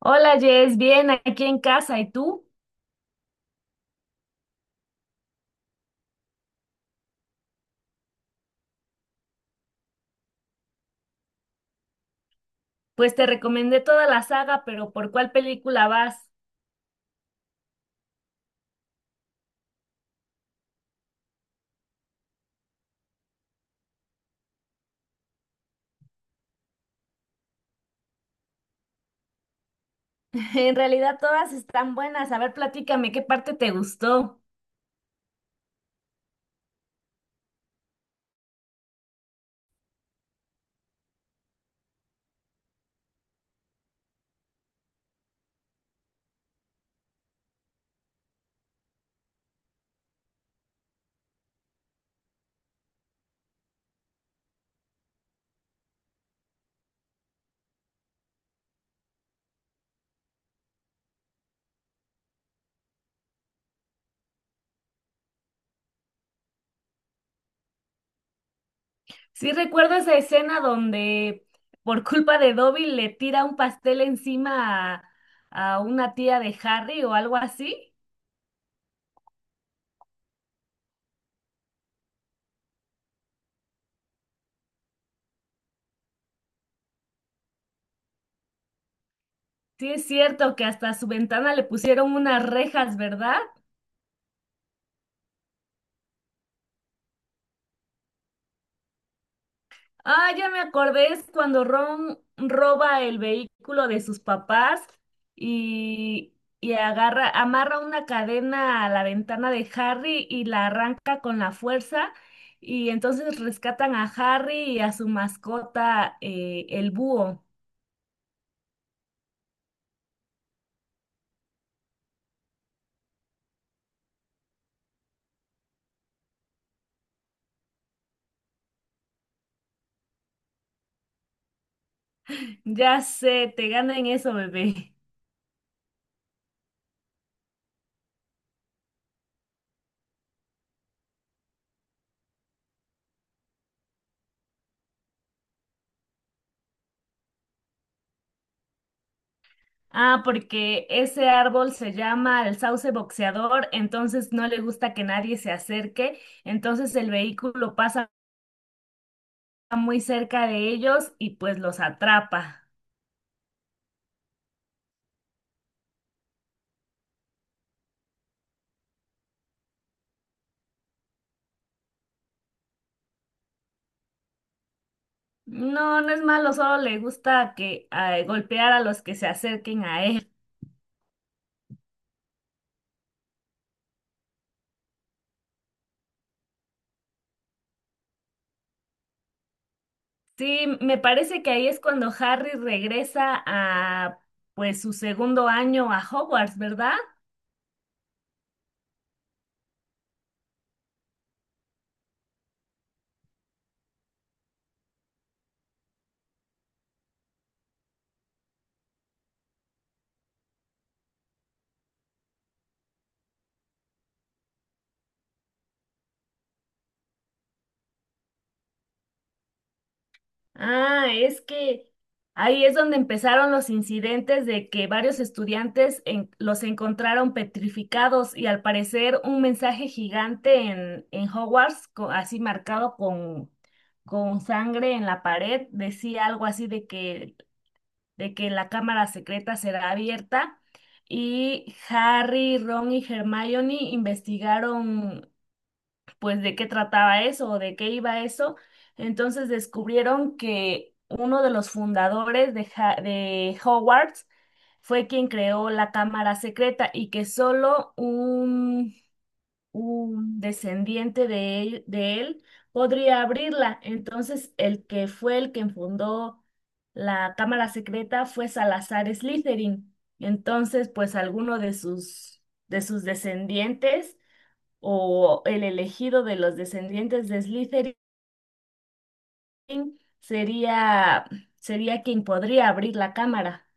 Hola Jess, bien, aquí en casa. ¿Y tú? Pues te recomendé toda la saga, pero ¿por cuál película vas? En realidad todas están buenas. A ver, platícame, ¿qué parte te gustó? Sí recuerdo esa escena donde por culpa de Dobby le tira un pastel encima a una tía de Harry o algo así. Sí es cierto que hasta su ventana le pusieron unas rejas, ¿verdad? Ah, ya me acordé, es cuando Ron roba el vehículo de sus papás y, y agarra, amarra una cadena a la ventana de Harry y la arranca con la fuerza. Y entonces rescatan a Harry y a su mascota, el búho. Ya sé, te gana en eso, bebé. Ah, porque ese árbol se llama el sauce boxeador, entonces no le gusta que nadie se acerque, entonces el vehículo pasa muy cerca de ellos y pues los atrapa. No, no es malo, solo le gusta que golpear a los que se acerquen a él. Sí, me parece que ahí es cuando Harry regresa a pues su segundo año a Hogwarts, ¿verdad? Ah, es que ahí es donde empezaron los incidentes de que varios estudiantes los encontraron petrificados y al parecer un mensaje gigante en Hogwarts, así marcado con sangre en la pared, decía algo así de de que la cámara secreta será abierta. Y Harry, Ron y Hermione investigaron pues de qué trataba eso o de qué iba eso. Entonces descubrieron que uno de los fundadores de Hogwarts fue quien creó la cámara secreta y que solo un descendiente de él podría abrirla. Entonces el que fue el que fundó la cámara secreta fue Salazar Slytherin. Entonces, pues alguno de de sus descendientes o el elegido de los descendientes de Slytherin sería, sería quien podría abrir la cámara.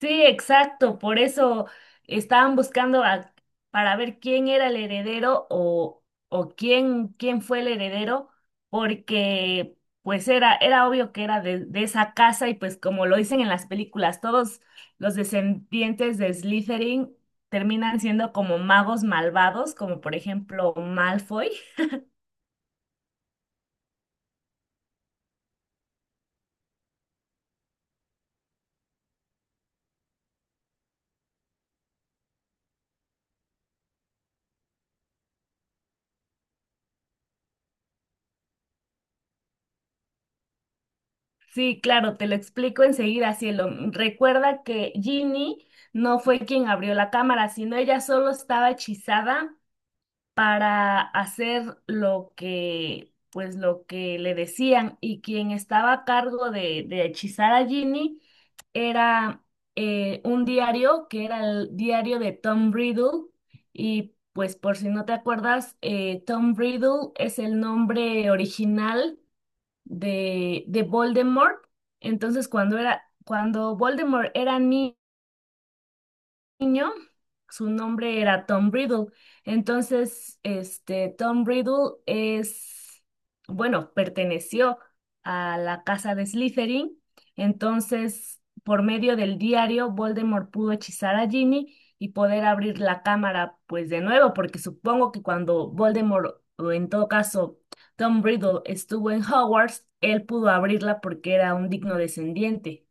Sí, exacto, por eso estaban para ver quién era el heredero o quién fue el heredero, porque pues era obvio que era de esa casa y pues como lo dicen en las películas, todos los descendientes de Slytherin terminan siendo como magos malvados, como por ejemplo Malfoy. Sí, claro, te lo explico enseguida, cielo. Recuerda que Ginny no fue quien abrió la cámara, sino ella solo estaba hechizada para hacer lo pues lo que le decían. Y quien estaba a cargo de hechizar a Ginny era un diario que era el diario de Tom Riddle. Y pues por si no te acuerdas, Tom Riddle es el nombre original de Voldemort. Entonces, cuando Voldemort era niño, su nombre era Tom Riddle. Entonces, este, Tom Riddle bueno, perteneció a la casa de Slytherin. Entonces, por medio del diario, Voldemort pudo hechizar a Ginny y poder abrir la cámara, pues de nuevo, porque supongo que cuando Voldemort, o en todo caso, Tom Riddle estuvo en Hogwarts, él pudo abrirla porque era un digno descendiente.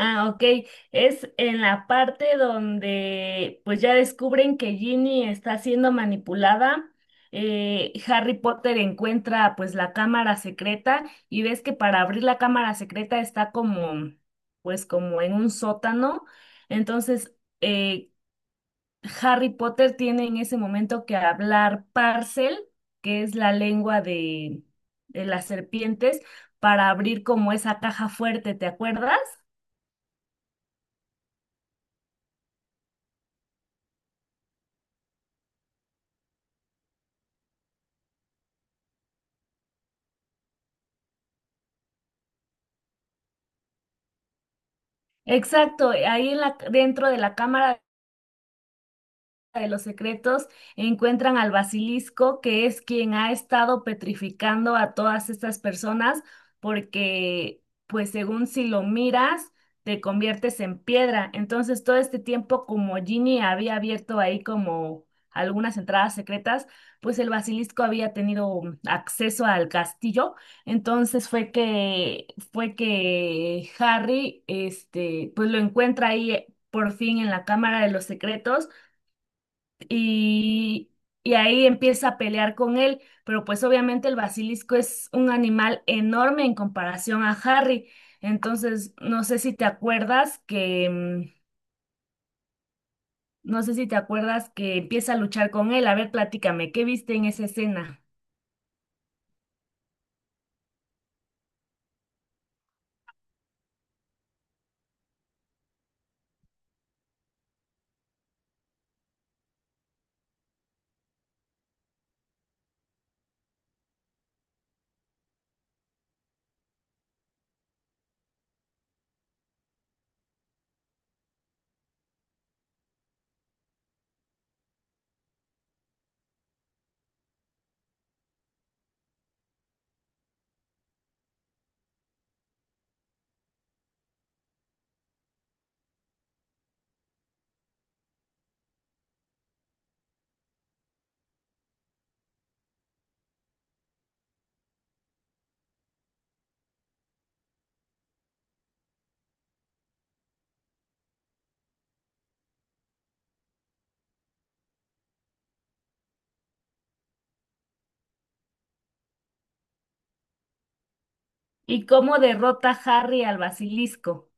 Ah, ok. Es en la parte donde pues ya descubren que Ginny está siendo manipulada. Harry Potter encuentra pues la cámara secreta y ves que para abrir la cámara secreta está como pues como en un sótano. Entonces eh, Harry Potter tiene en ese momento que hablar Parcel, que es la lengua de las serpientes, para abrir como esa caja fuerte, ¿te acuerdas? Exacto, ahí en dentro de la cámara de los secretos encuentran al basilisco, que es quien ha estado petrificando a todas estas personas, porque pues según si lo miras, te conviertes en piedra. Entonces todo este tiempo como Ginny había abierto ahí como algunas entradas secretas, pues el basilisco había tenido acceso al castillo. Entonces fue que Harry este pues lo encuentra ahí por fin en la Cámara de los Secretos y, y ahí empieza a pelear con él, pero pues obviamente el basilisco es un animal enorme en comparación a Harry. Entonces, no sé si te acuerdas que empieza a luchar con él. A ver, platícame, ¿qué viste en esa escena? ¿Y cómo derrota Harry al basilisco?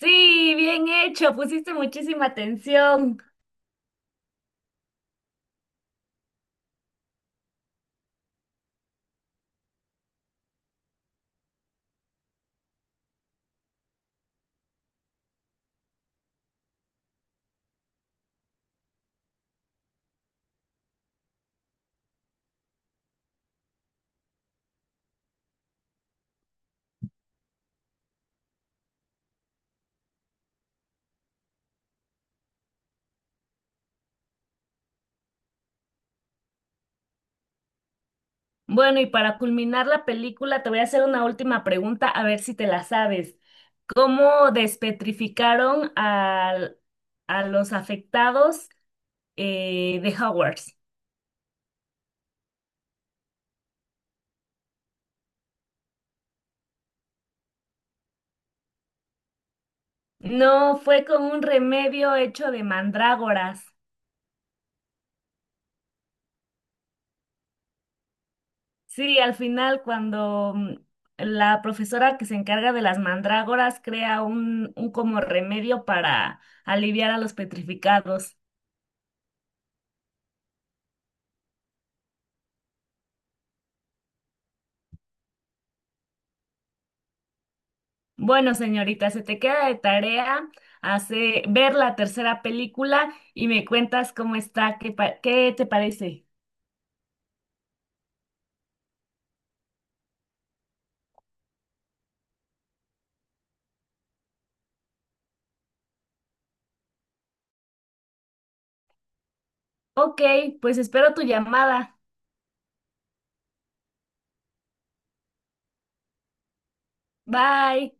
Sí, bien hecho, pusiste muchísima atención. Bueno, y para culminar la película, te voy a hacer una última pregunta, a ver si te la sabes. ¿Cómo despetrificaron a los afectados de Hogwarts? No, fue con un remedio hecho de mandrágoras. Sí, al final cuando la profesora que se encarga de las mandrágoras crea un como remedio para aliviar a los petrificados. Bueno, señorita, se te queda de tarea hace, ver la tercera película y me cuentas cómo está, qué te parece. Ok, pues espero tu llamada. Bye.